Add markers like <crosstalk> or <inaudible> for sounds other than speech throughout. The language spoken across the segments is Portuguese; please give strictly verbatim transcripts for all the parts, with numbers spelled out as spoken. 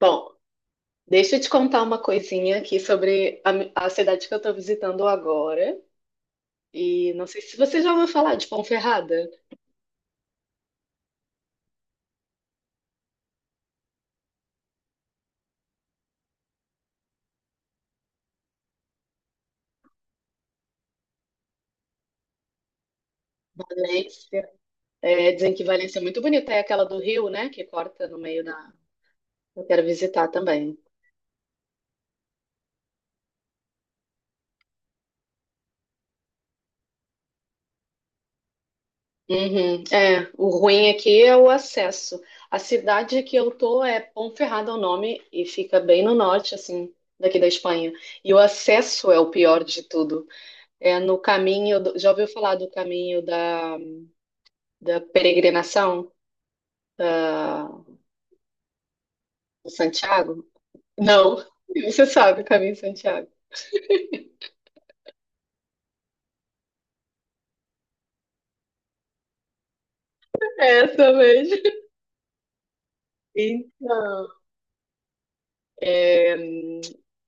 Bom, deixa eu te contar uma coisinha aqui sobre a, mi- a cidade que eu estou visitando agora. E não sei se você já ouviu falar de Ponferrada. Valência. É, dizem que Valência é muito bonita, é aquela do rio, né? Que corta no meio da. Eu quero visitar também. Uhum. É, o ruim aqui é o acesso. A cidade que eu tô é Ponferrada é o nome e fica bem no norte, assim, daqui da Espanha. E o acesso é o pior de tudo. É no caminho, do- já ouviu falar do caminho da da peregrinação da, do Santiago? Não. <laughs> Você sabe o caminho de Santiago. É essa mesmo. Então, é,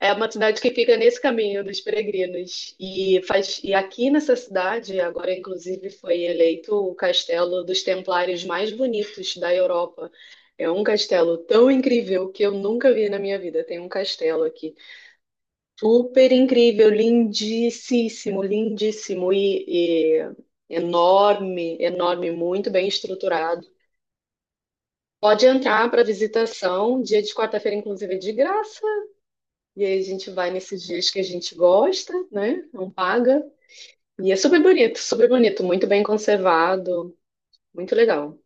é uma cidade que fica nesse caminho dos peregrinos. E, faz, e aqui nessa cidade, agora inclusive foi eleito o castelo dos templários mais bonitos da Europa. É um castelo tão incrível que eu nunca vi na minha vida. Tem um castelo aqui super incrível, lindíssimo, lindíssimo e, e enorme, enorme, muito bem estruturado. Pode entrar para visitação, dia de quarta-feira, inclusive, é de graça. E aí a gente vai nesses dias que a gente gosta, né? Não paga. E é super bonito, super bonito, muito bem conservado, muito legal.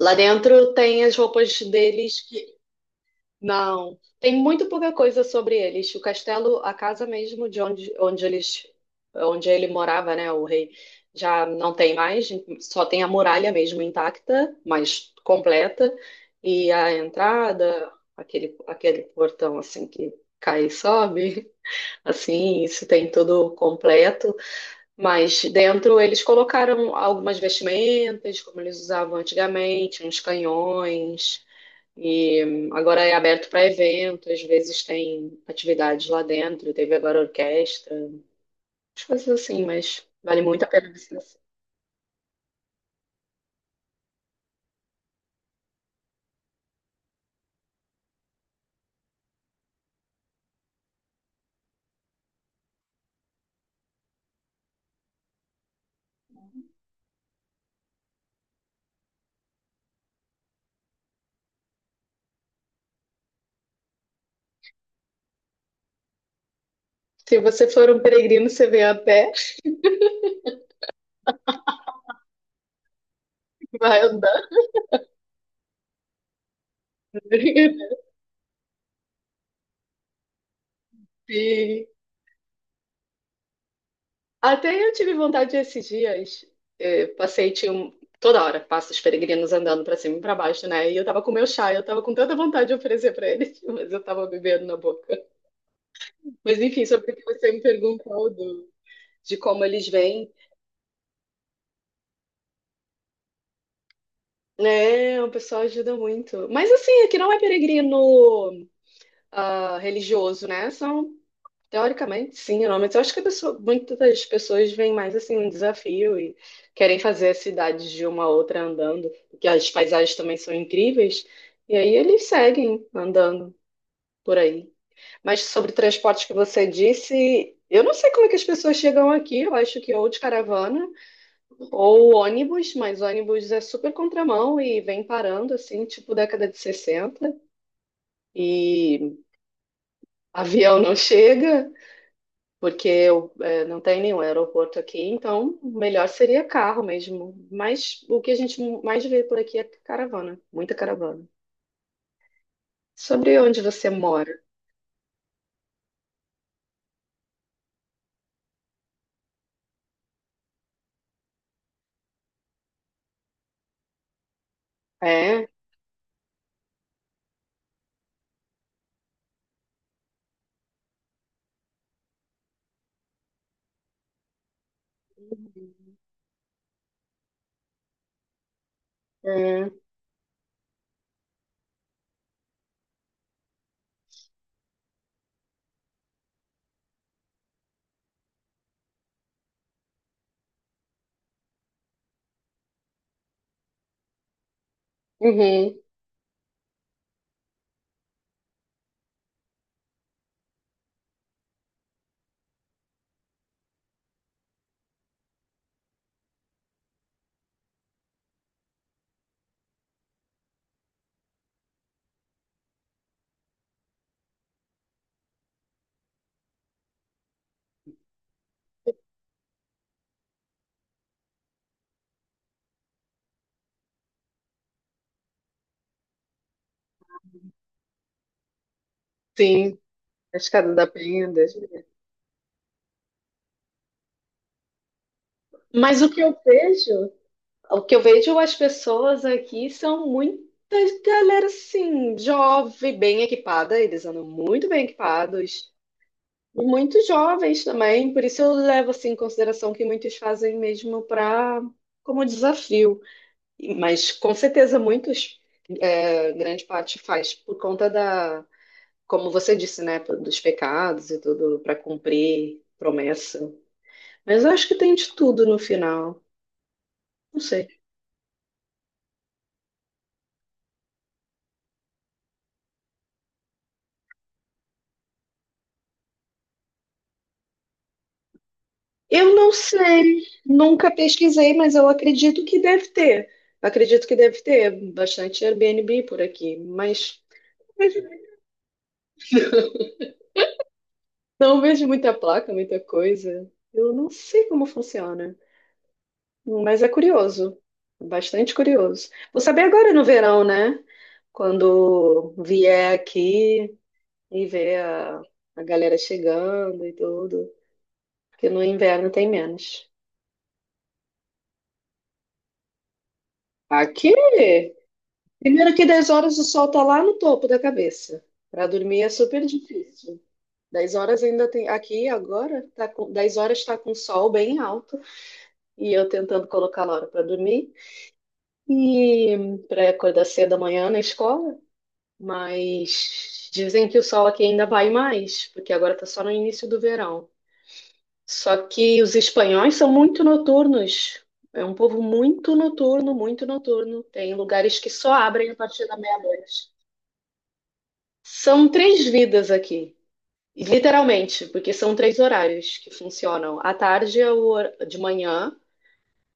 Lá dentro tem as roupas deles, que... Não, tem muito pouca coisa sobre eles. O castelo, a casa mesmo de onde, onde eles, onde ele morava, né, o rei, já não tem mais, só tem a muralha mesmo intacta, mas completa, e a entrada, aquele, aquele portão assim que cai e sobe, <laughs> assim, isso tem tudo completo, mas dentro eles colocaram algumas vestimentas, como eles usavam antigamente, uns canhões. E hum, agora é aberto para evento, às vezes tem atividades lá dentro, teve agora orquestra, as coisas assim, mas vale muito a pena você. Se você for um peregrino, você vem a pé, vai andando. <laughs> E até eu tive vontade esses dias, eu passei, tinha um- toda hora, passa os peregrinos andando para cima e para baixo, né? E eu tava com meu chá, eu tava com tanta vontade de oferecer para eles, <laughs> mas eu tava bebendo na boca. Mas enfim, sobre o que você me perguntou do, de como eles vêm. Né, o pessoal ajuda muito. Mas assim, aqui não é peregrino ah, religioso, né? São, teoricamente, sim, não, mas eu acho que a pessoa- muitas das pessoas veem mais assim um desafio e querem fazer as cidades de uma a outra andando, porque as paisagens também são incríveis, e aí eles seguem andando por aí. Mas sobre transporte que você disse, eu não sei como é que as pessoas chegam aqui, eu acho que é ou de caravana. Ou ônibus, mas ônibus é super contramão e vem parando, assim, tipo década de sessenta. E avião não chega, porque eu, eh, não tem nenhum aeroporto aqui, então o melhor seria carro mesmo. Mas o que a gente mais vê por aqui é caravana, muita caravana. Sobre onde você mora? É, é, uhum, sim, a Escada da Penha. Deus me livre. Mas o que eu vejo O que eu vejo as pessoas aqui são muitas galera assim, jovem, bem equipada, eles andam muito bem equipados, muito jovens também, por isso eu levo assim em consideração que muitos fazem mesmo para como desafio, E- mas com certeza muitos, é, grande parte faz por conta da, como você disse, né, dos pecados e tudo para cumprir promessa. Mas eu acho que tem de tudo no final, não sei. Eu não sei, nunca pesquisei, mas eu acredito que deve ter. Acredito que deve ter bastante Airbnb por aqui, mas não vejo muita placa, muita coisa. Eu não sei como funciona, mas é curioso, bastante curioso. Vou saber agora no verão, né? Quando vier aqui e ver a, a galera chegando e tudo, porque no inverno tem menos. Aqui... Primeiro que dez horas o sol tá lá no topo da cabeça. Para dormir é super difícil. Dez horas ainda tem. Aqui agora, tá com, dez horas está com o sol bem alto e eu tentando colocar a hora para dormir e para acordar cedo amanhã na escola. Mas dizem que o sol aqui ainda vai mais, porque agora tá só no início do verão. Só que os espanhóis são muito noturnos. É um povo muito noturno, muito noturno. Tem lugares que só abrem a partir da meia-noite. São três vidas aqui, literalmente, porque são três horários que funcionam. À tarde é o hor- de manhã,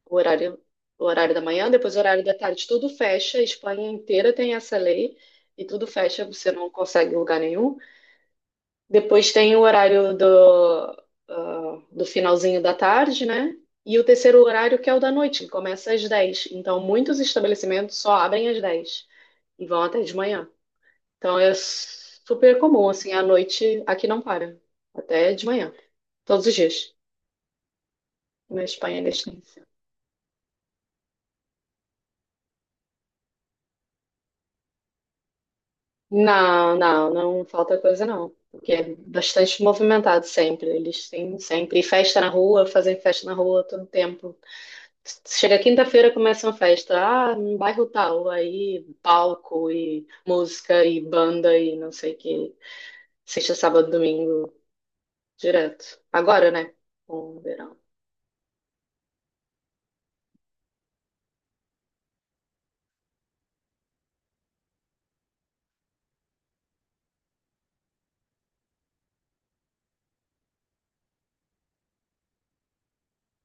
o horário, o horário da manhã, depois o horário da tarde, tudo fecha. A Espanha inteira tem essa lei e tudo fecha, você não consegue lugar nenhum. Depois tem o horário do, ah, do finalzinho da tarde, né? E o terceiro horário que é o da noite, que começa às dez. Então, muitos estabelecimentos só abrem às dez e vão até de manhã. Então é super comum, assim, à noite aqui não para, até de manhã, todos os dias. Na Espanha neste início. Não, não, não falta coisa não, porque é bastante movimentado sempre. Eles têm sempre festa na rua, fazem festa na rua todo tempo. Chega quinta-feira, começa uma festa, ah, no bairro tal, aí palco e música e banda e não sei o que. Sexta, sábado, domingo, direto. Agora, né? Com o verão.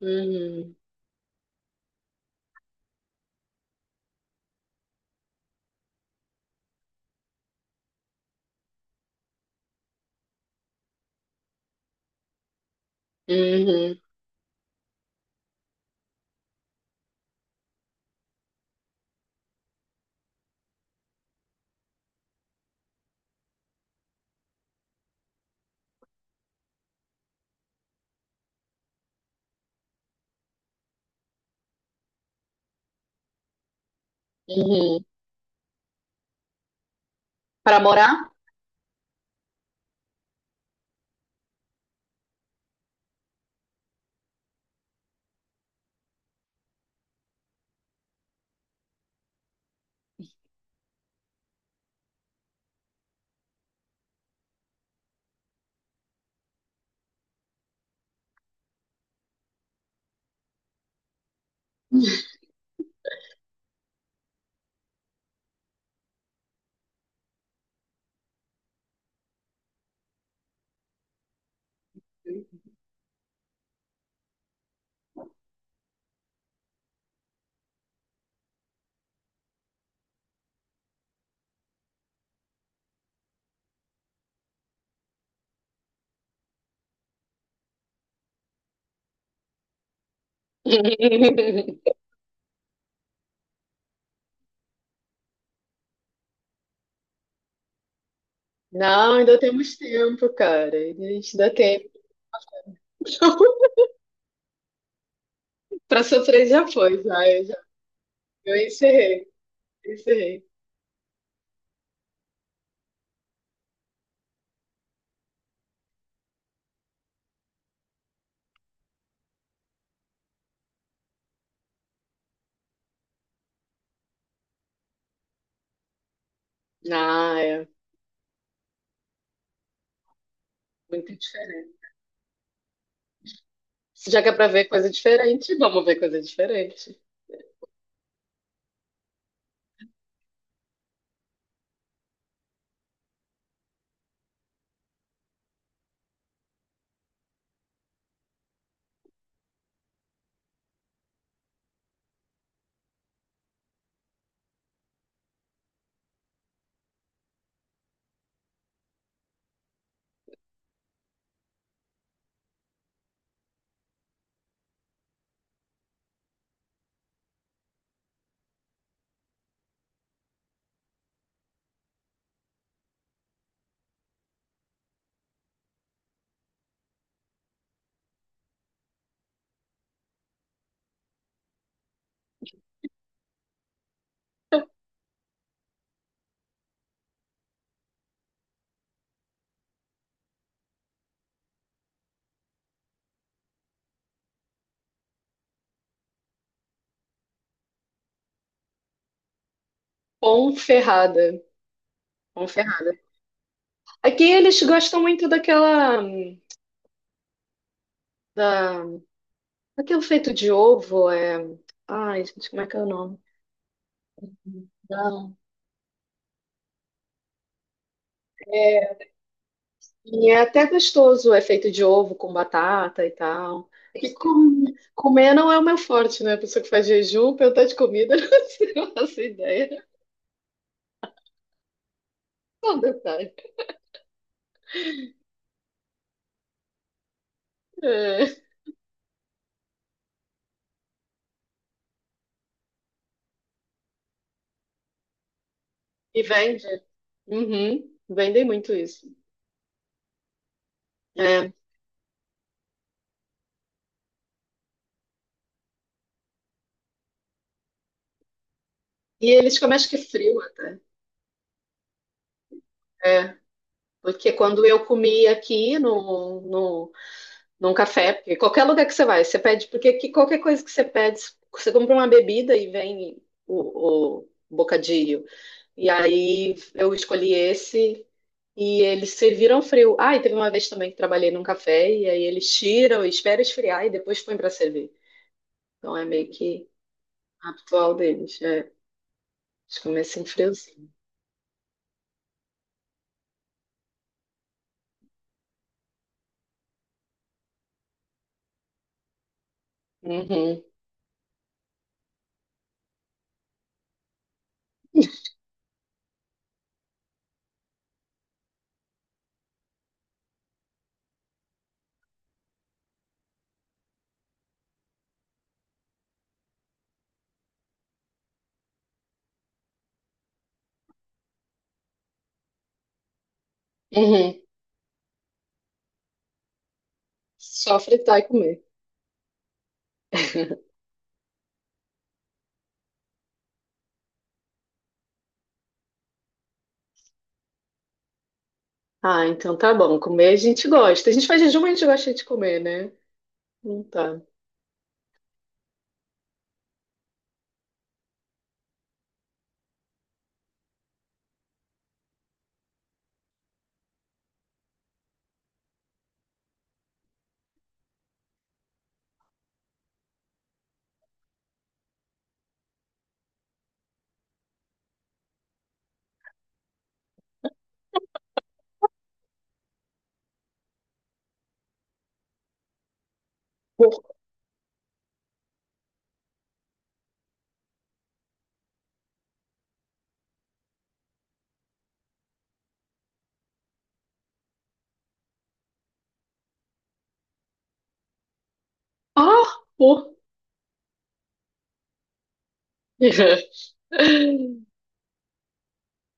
Uhum, uhum, uhum. Para morar? <laughs> Não, ainda temos tempo, cara. A gente ainda tem. <laughs> Para sofrer já foi, já. Eu, já, eu encerrei, encerrei. Ah, é muito diferente. Se já que é para ver coisa diferente, vamos ver coisa diferente. Ponferrada. Ponferrada. Aqui eles gostam muito daquela. Da, daquilo feito de ovo, é. Ai, gente, como é que é o nome? Da-... E é até gostoso o efeito de ovo com batata e tal. É Que com- comer não é o meu forte, né? A pessoa que faz jejum, perguntar de comida, <laughs> não faço ideia. Só um detalhe. É. E vende. Uhum. Vendem muito isso. É. E eles comem acho que frio até. É. Porque quando eu comi aqui no, no num café, porque qualquer lugar que você vai, você pede, porque que qualquer coisa que você pede, você compra uma bebida e vem o, o bocadinho. E aí eu escolhi esse e eles serviram frio. Ah, e teve uma vez também que trabalhei num café e aí eles tiram, esperam esfriar e depois põem para servir. Então é meio que habitual deles. É, eles começam friozinho. Uhum, uhum. Só fritar e comer. Ah, então tá bom. Comer a gente gosta. A gente faz jejum, mas a gente gosta de comer, né? Não tá. Ah, pô. <laughs>